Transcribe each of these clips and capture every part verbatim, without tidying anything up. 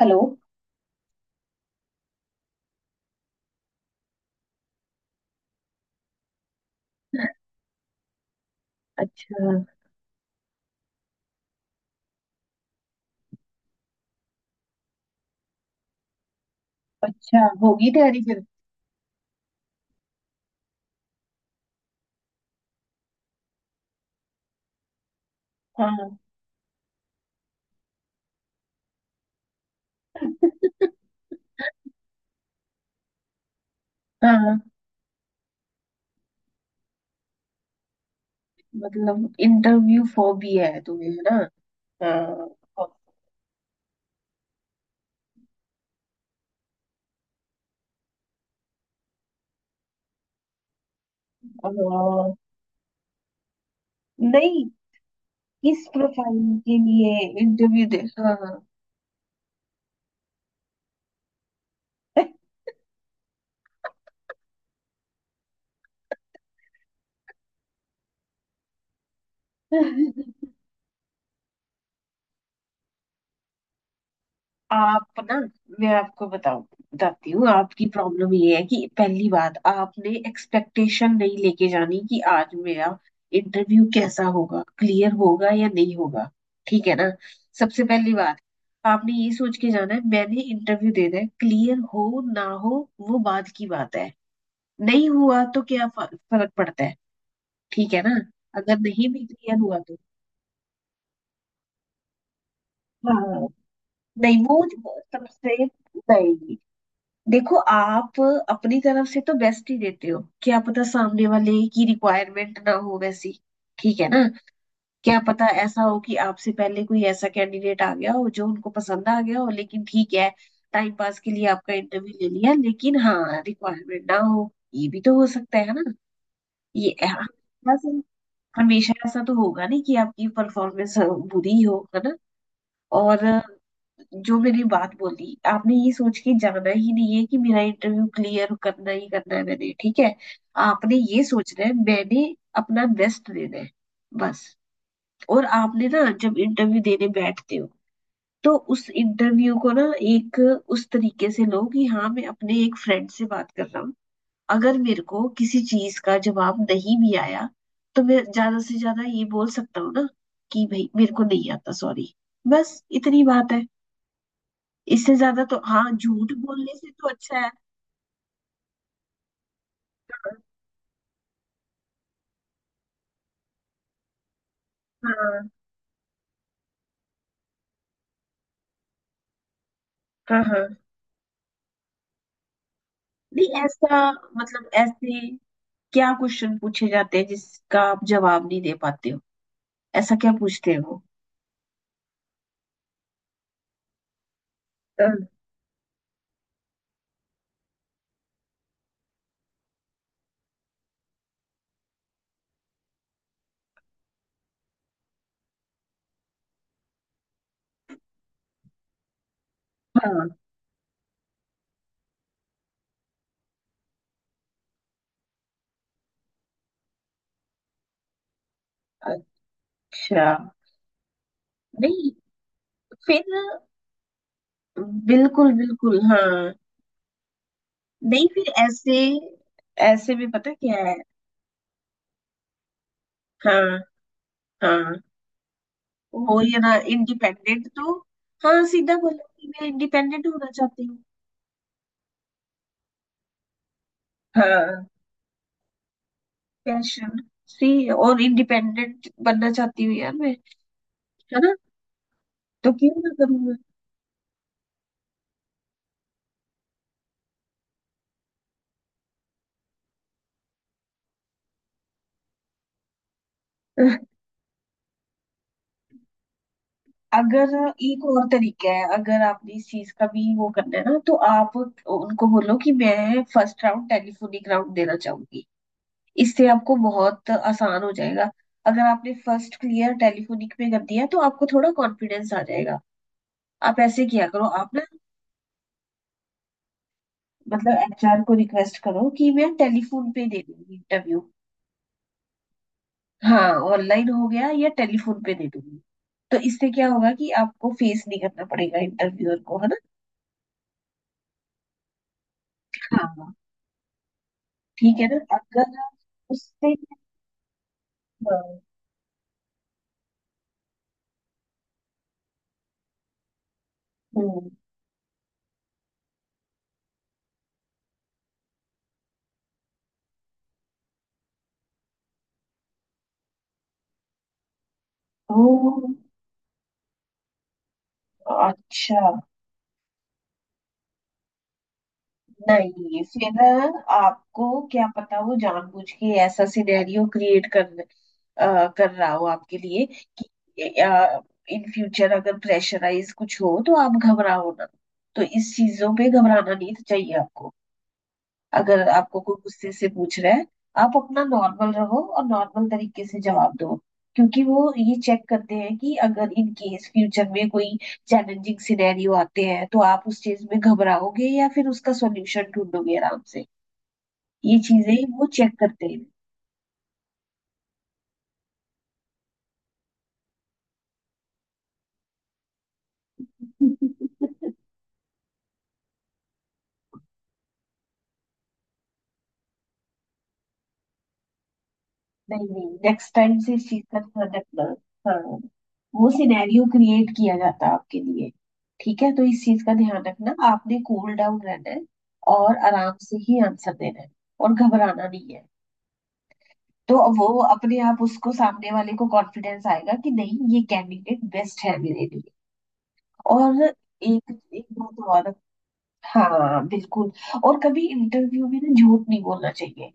Hello. अच्छा। अच्छा होगी तैयारी फिर। हाँ। हाँ मतलब इंटरव्यू फोबिया है तुम्हें, है ना? हाँ। हाँ नहीं, किस प्रोफाइल के लिए इंटरव्यू दे? हाँ। हाँ। आप ना, मैं आपको बताऊं, बताती हूँ आपकी प्रॉब्लम ये है कि पहली बात आपने एक्सपेक्टेशन नहीं लेके जानी कि आज मेरा इंटरव्यू कैसा होगा, क्लियर होगा या नहीं होगा। ठीक है ना। सबसे पहली बात, आपने ये सोच के जाना है मैंने इंटरव्यू देना है, क्लियर हो ना हो वो बाद की बात है। नहीं हुआ तो क्या फ- फर्क पड़ता है। ठीक है ना। अगर नहीं भी क्लियर हुआ तो। हाँ। नहीं वो सबसे नहीं, देखो आप अपनी तरफ से तो बेस्ट ही देते हो, क्या पता सामने वाले की रिक्वायरमेंट ना हो वैसी। ठीक है ना। क्या पता ऐसा हो कि आपसे पहले कोई ऐसा कैंडिडेट आ गया हो जो उनको पसंद आ गया हो, लेकिन ठीक है, टाइम पास के लिए आपका इंटरव्यू ले लिया लेकिन हाँ रिक्वायरमेंट ना हो, ये भी तो हो सकता है ना। ये हाँ, बस। हमेशा ऐसा तो होगा नहीं कि आपकी परफॉर्मेंस बुरी हो, है ना। और जो मैंने बात बोली, आपने ये सोच के जाना ही नहीं है कि मेरा इंटरव्यू क्लियर करना ही करना है मैंने। ठीक है। आपने ये सोचना है मैंने अपना बेस्ट देना है, बस। और आपने ना जब इंटरव्यू देने बैठते हो तो उस इंटरव्यू को ना, एक उस तरीके से लो कि हाँ मैं अपने एक फ्रेंड से बात कर रहा हूँ। अगर मेरे को किसी चीज का जवाब नहीं भी आया तो मैं ज्यादा से ज्यादा ये बोल सकता हूँ ना कि भाई मेरे को नहीं आता, सॉरी। बस इतनी बात है। इससे ज्यादा तो हाँ, झूठ बोलने से तो अच्छा है। हाँ। हाँ। हाँ नहीं ऐसा, मतलब ऐसे क्या क्वेश्चन पूछे जाते हैं जिसका आप जवाब नहीं दे पाते हो? ऐसा क्या पूछते हैं वो? अ, हाँ। अच्छा। नहीं फिर, बिल्कुल बिल्कुल। हाँ नहीं फिर ऐसे, ऐसे भी पता क्या है। हाँ हाँ, वो ये ना इंडिपेंडेंट तो। हाँ सीधा बोलो कि मैं इंडिपेंडेंट होना चाहती हूँ। हाँ पैशन सी और इंडिपेंडेंट बनना चाहती हूँ यार मैं, है ना? तो क्यों ना करूँ मैं? अगर एक और तरीका है, अगर आपने इस चीज का भी वो करना है ना तो आप उनको बोलो कि मैं फर्स्ट राउंड टेलीफोनिक राउंड देना चाहूंगी। इससे आपको बहुत आसान हो जाएगा। अगर आपने फर्स्ट क्लियर टेलीफोनिक में कर दिया तो आपको थोड़ा कॉन्फिडेंस आ जाएगा। आप ऐसे किया करो आप ना। मतलब एचआर को रिक्वेस्ट करो कि मैं टेलीफोन पे दे दूंगी इंटरव्यू। हाँ ऑनलाइन हो गया या टेलीफोन पे दे दूंगी। तो इससे क्या होगा कि आपको फेस नहीं करना पड़ेगा इंटरव्यूअर को, है ना। हाँ। ठीक है ना, अगर आप उससे। हम्म। ओ, अच्छा। नहीं फिर ना, आपको क्या पता वो जानबूझ के ऐसा सिनेरियो क्रिएट कर अ, कर रहा हो आपके लिए कि इन फ्यूचर अगर प्रेशराइज कुछ हो तो आप घबराओ ना। तो इस चीजों पे घबराना नहीं चाहिए आपको। अगर आपको कोई गुस्से से पूछ रहा है, आप अपना नॉर्मल रहो और नॉर्मल तरीके से जवाब दो। क्योंकि वो ये चेक करते हैं कि अगर इन केस फ्यूचर में कोई चैलेंजिंग सिनेरियो आते हैं तो आप उस चीज में घबराओगे या फिर उसका सॉल्यूशन ढूंढोगे आराम से। ये चीजें वो चेक करते हैं। नहीं नहीं, नेक्स्ट टाइम से इस चीज का ध्यान रखना। हाँ वो सिनेरियो क्रिएट किया जाता है आपके लिए। ठीक है, तो इस चीज का ध्यान रखना, आपने कूल डाउन रहना है और आराम से ही आंसर देना है और घबराना नहीं है। तो वो अपने आप उसको सामने वाले को कॉन्फिडेंस आएगा कि नहीं ये कैंडिडेट बेस्ट है मेरे लिए। और एक एक बात और। हाँ बिल्कुल। और कभी इंटरव्यू में ना झूठ नहीं बोलना चाहिए।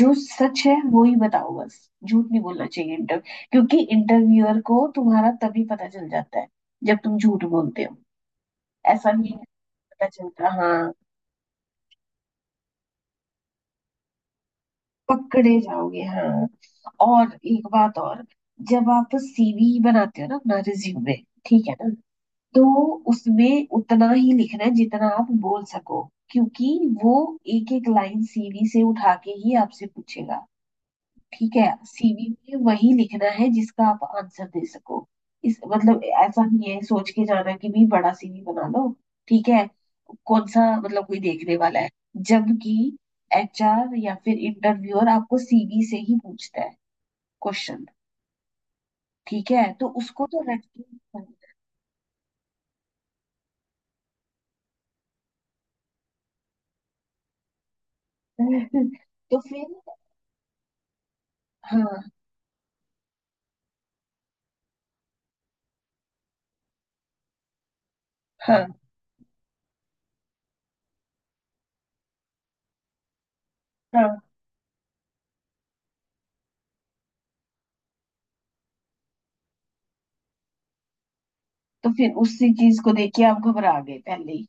जो सच है वो ही बताओ, बस। झूठ नहीं बोलना चाहिए इंटरव्यू, क्योंकि इंटरव्यूअर को तुम्हारा तभी पता चल जाता है जब तुम झूठ बोलते हो। ऐसा नहीं है कि पता चलता। हाँ पकड़े जाओगे। हाँ और एक बात और, जब आप सीवी बनाते हो ना अपना रिज्यूमे, ठीक है ना, तो उसमें उतना ही लिखना है जितना आप बोल सको। क्योंकि वो एक एक लाइन सीवी से उठा के ही आपसे पूछेगा। ठीक है, सीवी में वही लिखना है जिसका आप आंसर दे सको। इस मतलब ऐसा नहीं है सोच के जाना कि भी बड़ा सीवी बना लो। ठीक है, कौन सा मतलब कोई देखने वाला है। जबकि एचआर या फिर इंटरव्यूअर आपको सीवी से ही पूछता है क्वेश्चन। ठीक है, तो उसको तो रट के। तो फिर। हाँ हाँ। हाँ तो फिर उसी चीज को देख के आप घबरा गए पहले ही।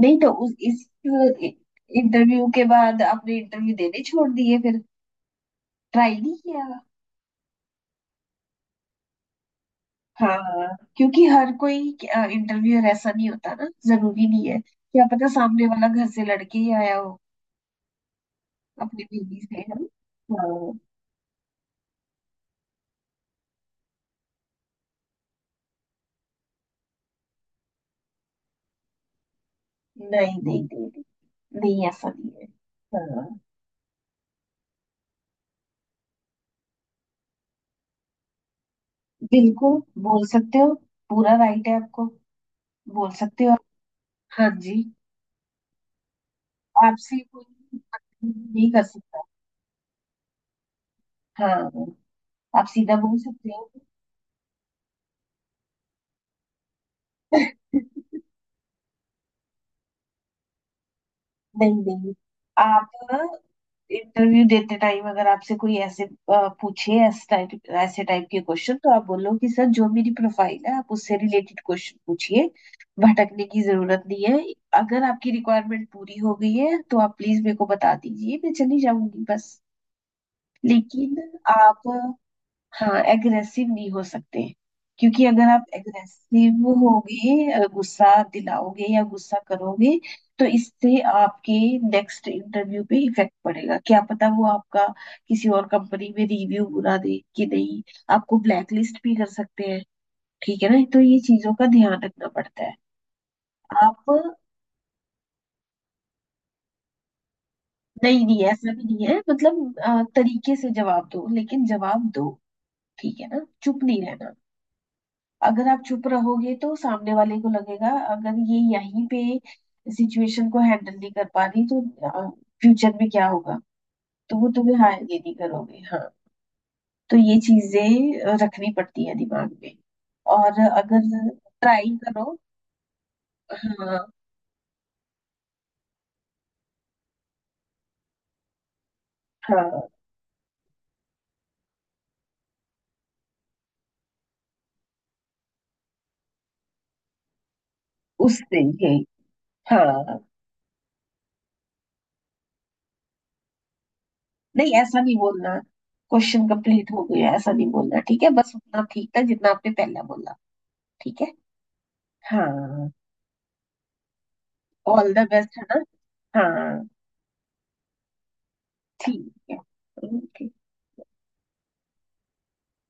नहीं तो उस इस इंटरव्यू के बाद आपने इंटरव्यू देने छोड़ दिए फिर? ट्राई नहीं किया? हाँ क्योंकि हर कोई इंटरव्यूअर ऐसा नहीं होता ना, जरूरी नहीं है, क्या पता सामने वाला घर से लड़के ही आया हो अपनी बीवी से, है ना? हाँ। नहीं नहीं नहीं। नहीं नहीं, ऐसा नहीं है। हाँ बिल्कुल बोल सकते हो। पूरा राइट है आपको। बोल सकते हो आप। हाँ जी। आपसे कोई नहीं कर सकता। हाँ आप सीधा बोल सकते हो। नहीं नहीं, आप इंटरव्यू देते टाइम अगर आपसे कोई ऐसे अ, पूछे ऐसे टाइप ऐसे टाइप के क्वेश्चन, तो आप बोलो कि सर जो मेरी प्रोफाइल है आप उससे रिलेटेड क्वेश्चन पूछिए। भटकने की जरूरत नहीं है। अगर आपकी रिक्वायरमेंट पूरी हो गई है तो आप प्लीज मेरे को बता दीजिए, मैं चली जाऊंगी, बस। लेकिन आप हाँ एग्रेसिव नहीं हो सकते। क्योंकि अगर आप एग्रेसिव होगे अ, गुस्सा दिलाओगे या गुस्सा करोगे तो इससे आपके नेक्स्ट इंटरव्यू पे इफेक्ट पड़ेगा, क्या पता वो आपका किसी और कंपनी में रिव्यू बुरा दे कि नहीं। आपको ब्लैकलिस्ट भी कर सकते हैं। ठीक है ना, तो ये चीजों का ध्यान रखना पड़ता है। आप नहीं नहीं, ऐसा भी नहीं है, मतलब अ, तरीके से जवाब दो लेकिन जवाब दो। ठीक है ना, चुप नहीं रहना। अगर आप चुप रहोगे तो सामने वाले को लगेगा अगर ये यहीं पे सिचुएशन को हैंडल नहीं कर पा रही तो फ्यूचर में क्या होगा। तो वो तुम्हें हाँ, ये नहीं करोगे। हाँ तो ये चीजें अ, रखनी पड़ती है दिमाग में। और अगर ट्राई करो। हाँ। हाँ उससे यही। हाँ नहीं, ऐसा नहीं बोलना। क्वेश्चन कंप्लीट हो गया ऐसा नहीं बोलना। ठीक है, बस उतना ठीक था जितना आपने पहले बोला। ठीक है। हाँ ऑल द बेस्ट, है ना। हाँ। ठीक है। ओके।